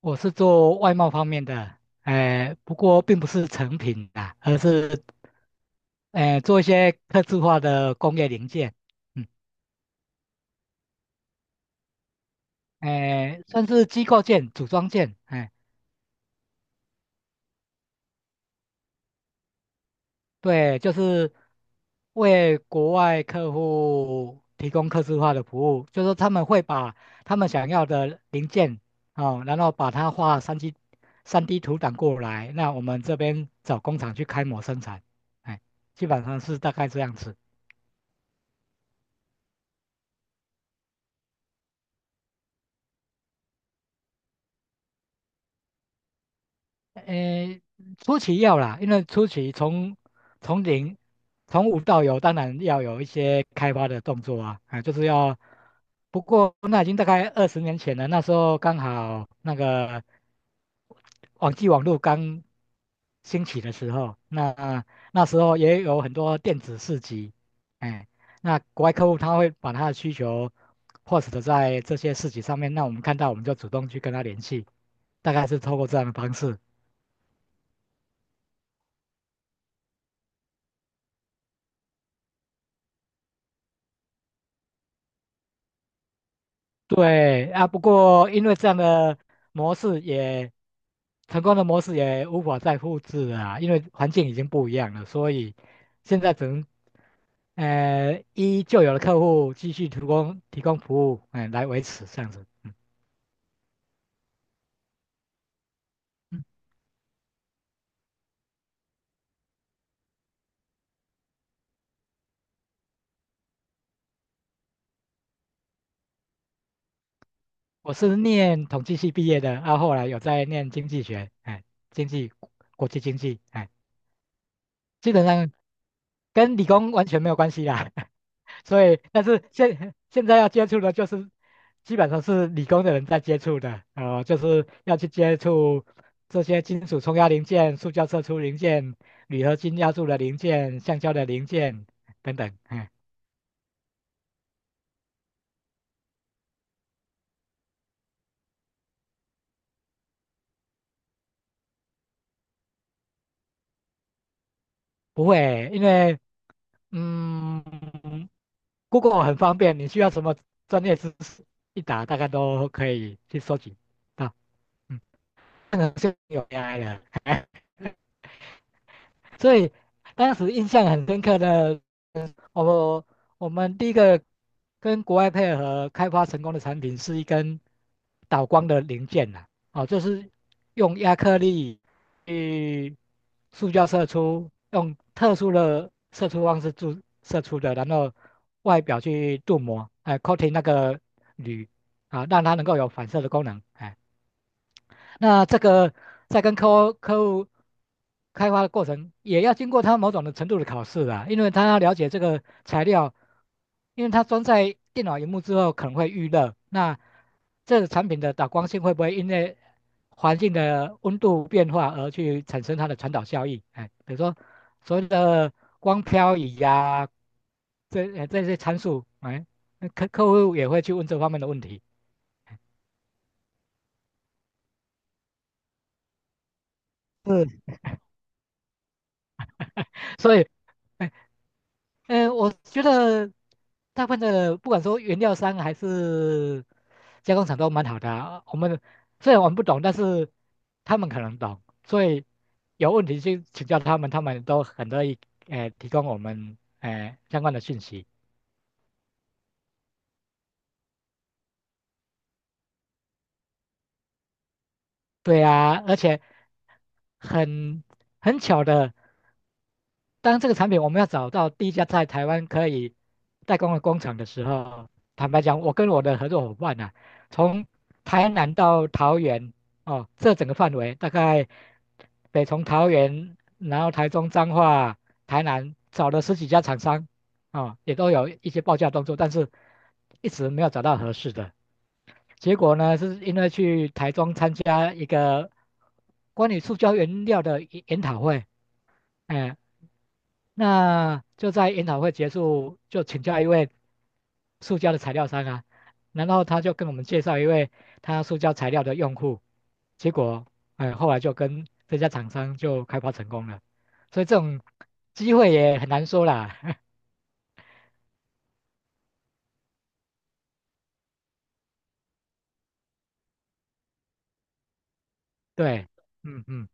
我是做外贸方面的，不过并不是成品啊，而是做一些客制化的工业零件，嗯，算是机构件、组装件，哎、对，就是为国外客户提供客制化的服务，就是说他们会把他们想要的零件哦，然后把它画三 d 图档过来，那我们这边找工厂去开模生产，哎，基本上是大概这样子。诶，初期要啦，因为初期从零从无到有，当然要有一些开发的动作啊，啊，就是要。不过那已经大概20年前了，那时候刚好那个网际网络刚兴起的时候，那时候也有很多电子市集，哎，那国外客户他会把他的需求 post 在这些市集上面，那我们看到我们就主动去跟他联系，大概是透过这样的方式。对啊，不过因为这样的模式也成功的模式也无法再复制了啊，因为环境已经不一样了，所以现在只能依旧有的客户继续提供服务，来维持这样子。嗯嗯，我是念统计系毕业的，啊，后来有在念经济学，哎，经济国际经济，哎，基本上跟理工完全没有关系啦。所以但是现在要接触的就是基本上是理工的人在接触的，就是要去接触这些金属冲压零件、塑胶射出零件、铝合金压铸的零件、橡胶的零件等等，嗯。不会，因为嗯，Google 很方便，你需要什么专业知识，一打大概都可以去收集到。嗯，这个是有 AI 的，所以当时印象很深刻的，嗯我我们第一个跟国外配合开发成功的产品是一根导光的零件呐、哦，就是用亚克力去塑胶射出，用特殊的射出方式注射出的，然后外表去镀膜，哎，coating 那个铝啊，让它能够有反射的功能，哎，那这个在跟客户开发的过程，也要经过他某种的程度的考试啊，因为他要了解这个材料，因为他装在电脑荧幕之后可能会遇热，那这个产品的导光性会不会因为环境的温度变化而去产生它的传导效应？哎，比如说所谓的光漂移呀、这哎这些参数，哎，那客户也会去问这方面的问题，嗯，所以哎，呃，我觉得大部分的不管说原料商还是加工厂都蛮好的啊我们虽然我们不懂，但是他们可能懂，所以有问题去请教他们，他们都很乐意提供我们相关的讯息。对啊，而且很很巧的。当这个产品我们要找到第一家在台湾可以代工的工厂的时候，坦白讲，我跟我的合作伙伴啊，从台南到桃园哦，这整个范围大概北从桃园，然后台中、彰化、台南找了十几家厂商啊、哦也都有一些报价动作，但是一直没有找到合适的。结果呢，是因为去台中参加一个关于塑胶原料的研讨会，哎、那就在研讨会结束，就请教一位塑胶的材料商啊，然后他就跟我们介绍一位他塑胶材料的用户，结果，哎，后来就跟这家厂商就开发成功了，所以这种机会也很难说啦。对，嗯嗯，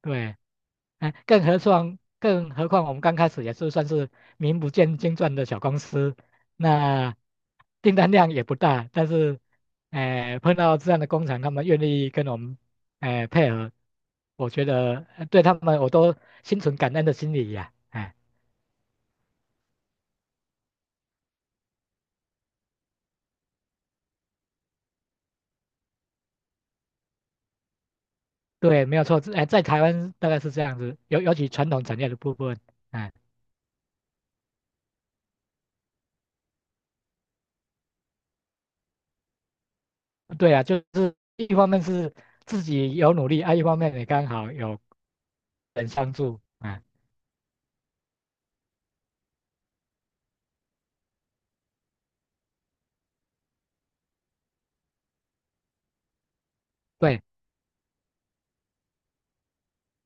对。哎，更何况我们刚开始也是算是名不见经传的小公司，那订单量也不大，但是，哎，碰到这样的工厂，他们愿意跟我们，哎，配合，我觉得对他们我都心存感恩的心理呀、哎，对，没有错，哎，在台湾大概是这样子，尤其传统产业的部分，哎，对啊，就是一方面是自己有努力，啊，一方面也刚好有人相助，啊，对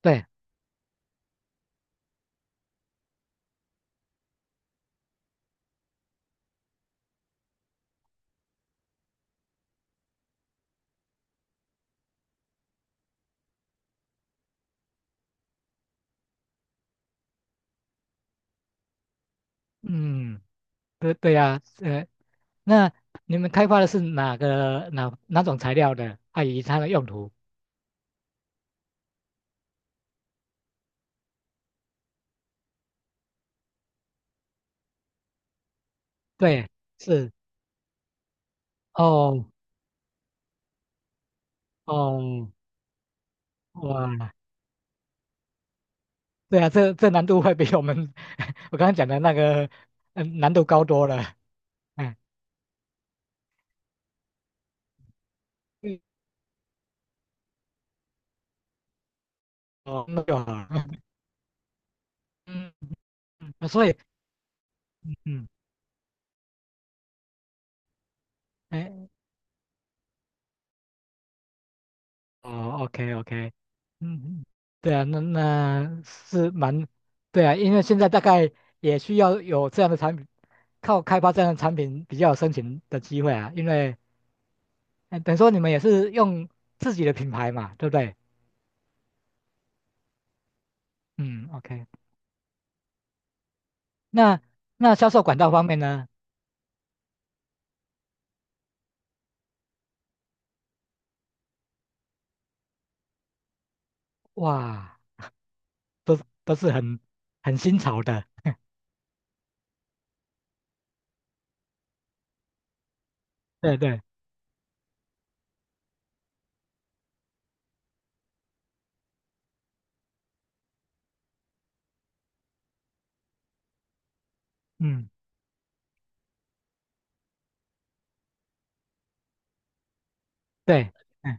对，嗯。对对呀，那你们开发的是哪个哪哪种材料的？啊，以及它的用途？对，是哦哦，哇，对啊，这难度会比我们 我刚刚讲的那个难度高多了。哎，嗯哦，那就好了。嗯，所以嗯，哎，哦，OK OK，嗯嗯，对啊，那是蛮，对啊，因为现在大概也需要有这样的产品，靠开发这样的产品比较有生存的机会啊，因为等于说你们也是用自己的品牌嘛，对不对？嗯，OK，那销售管道方面呢？哇，都是很新潮的，对对，嗯对，嗯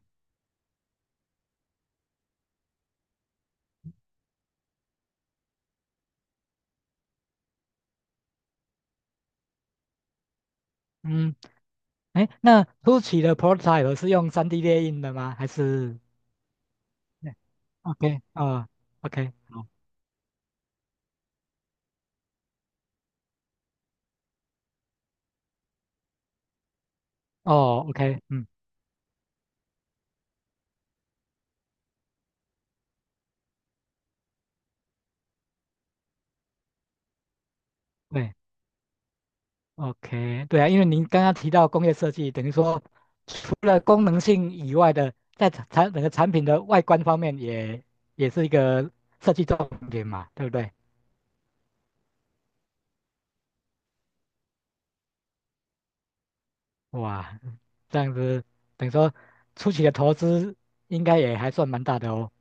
嗯，哎，那初期的 prototype 是用 3D 列印的吗？还是？OK，啊，OK，好，哦，OK，嗯，对，OK，对啊，因为您刚刚提到工业设计，等于说除了功能性以外的，在产整个产品的外观方面也是一个设计重点嘛，对不对？哇，这样子等于说初期的投资应该也还算蛮大的哦。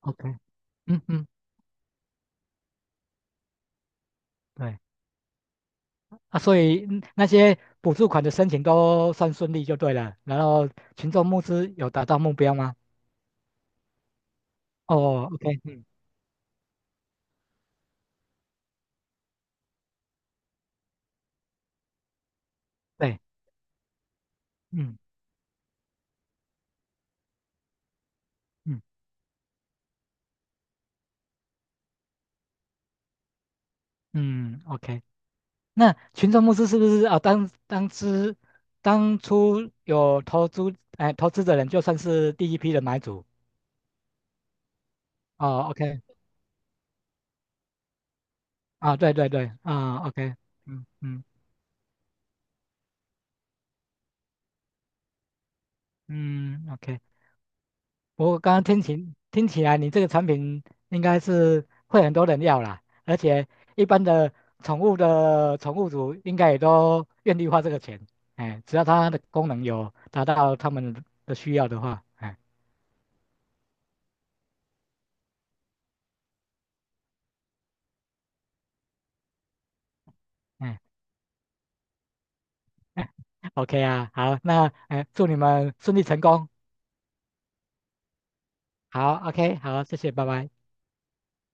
OK，嗯嗯，对，啊，所以那些补助款的申请都算顺利就对了，然后群众募资有达到目标吗？哦，OK，嗯，对，嗯嗯嗯，OK。那群众募资是不是啊？当初有投资的人，就算是第一批的买主哦，OK 啊，对对对啊，OK，嗯嗯嗯，OK。我刚刚听起来，你这个产品应该是会很多人要啦，而且一般的宠物主应该也都愿意花这个钱，哎，只要它的功能有达到他们的需要的话，哎哎哎，OK 啊，好，那哎，祝你们顺利成功，好，OK，好，谢谢，拜拜。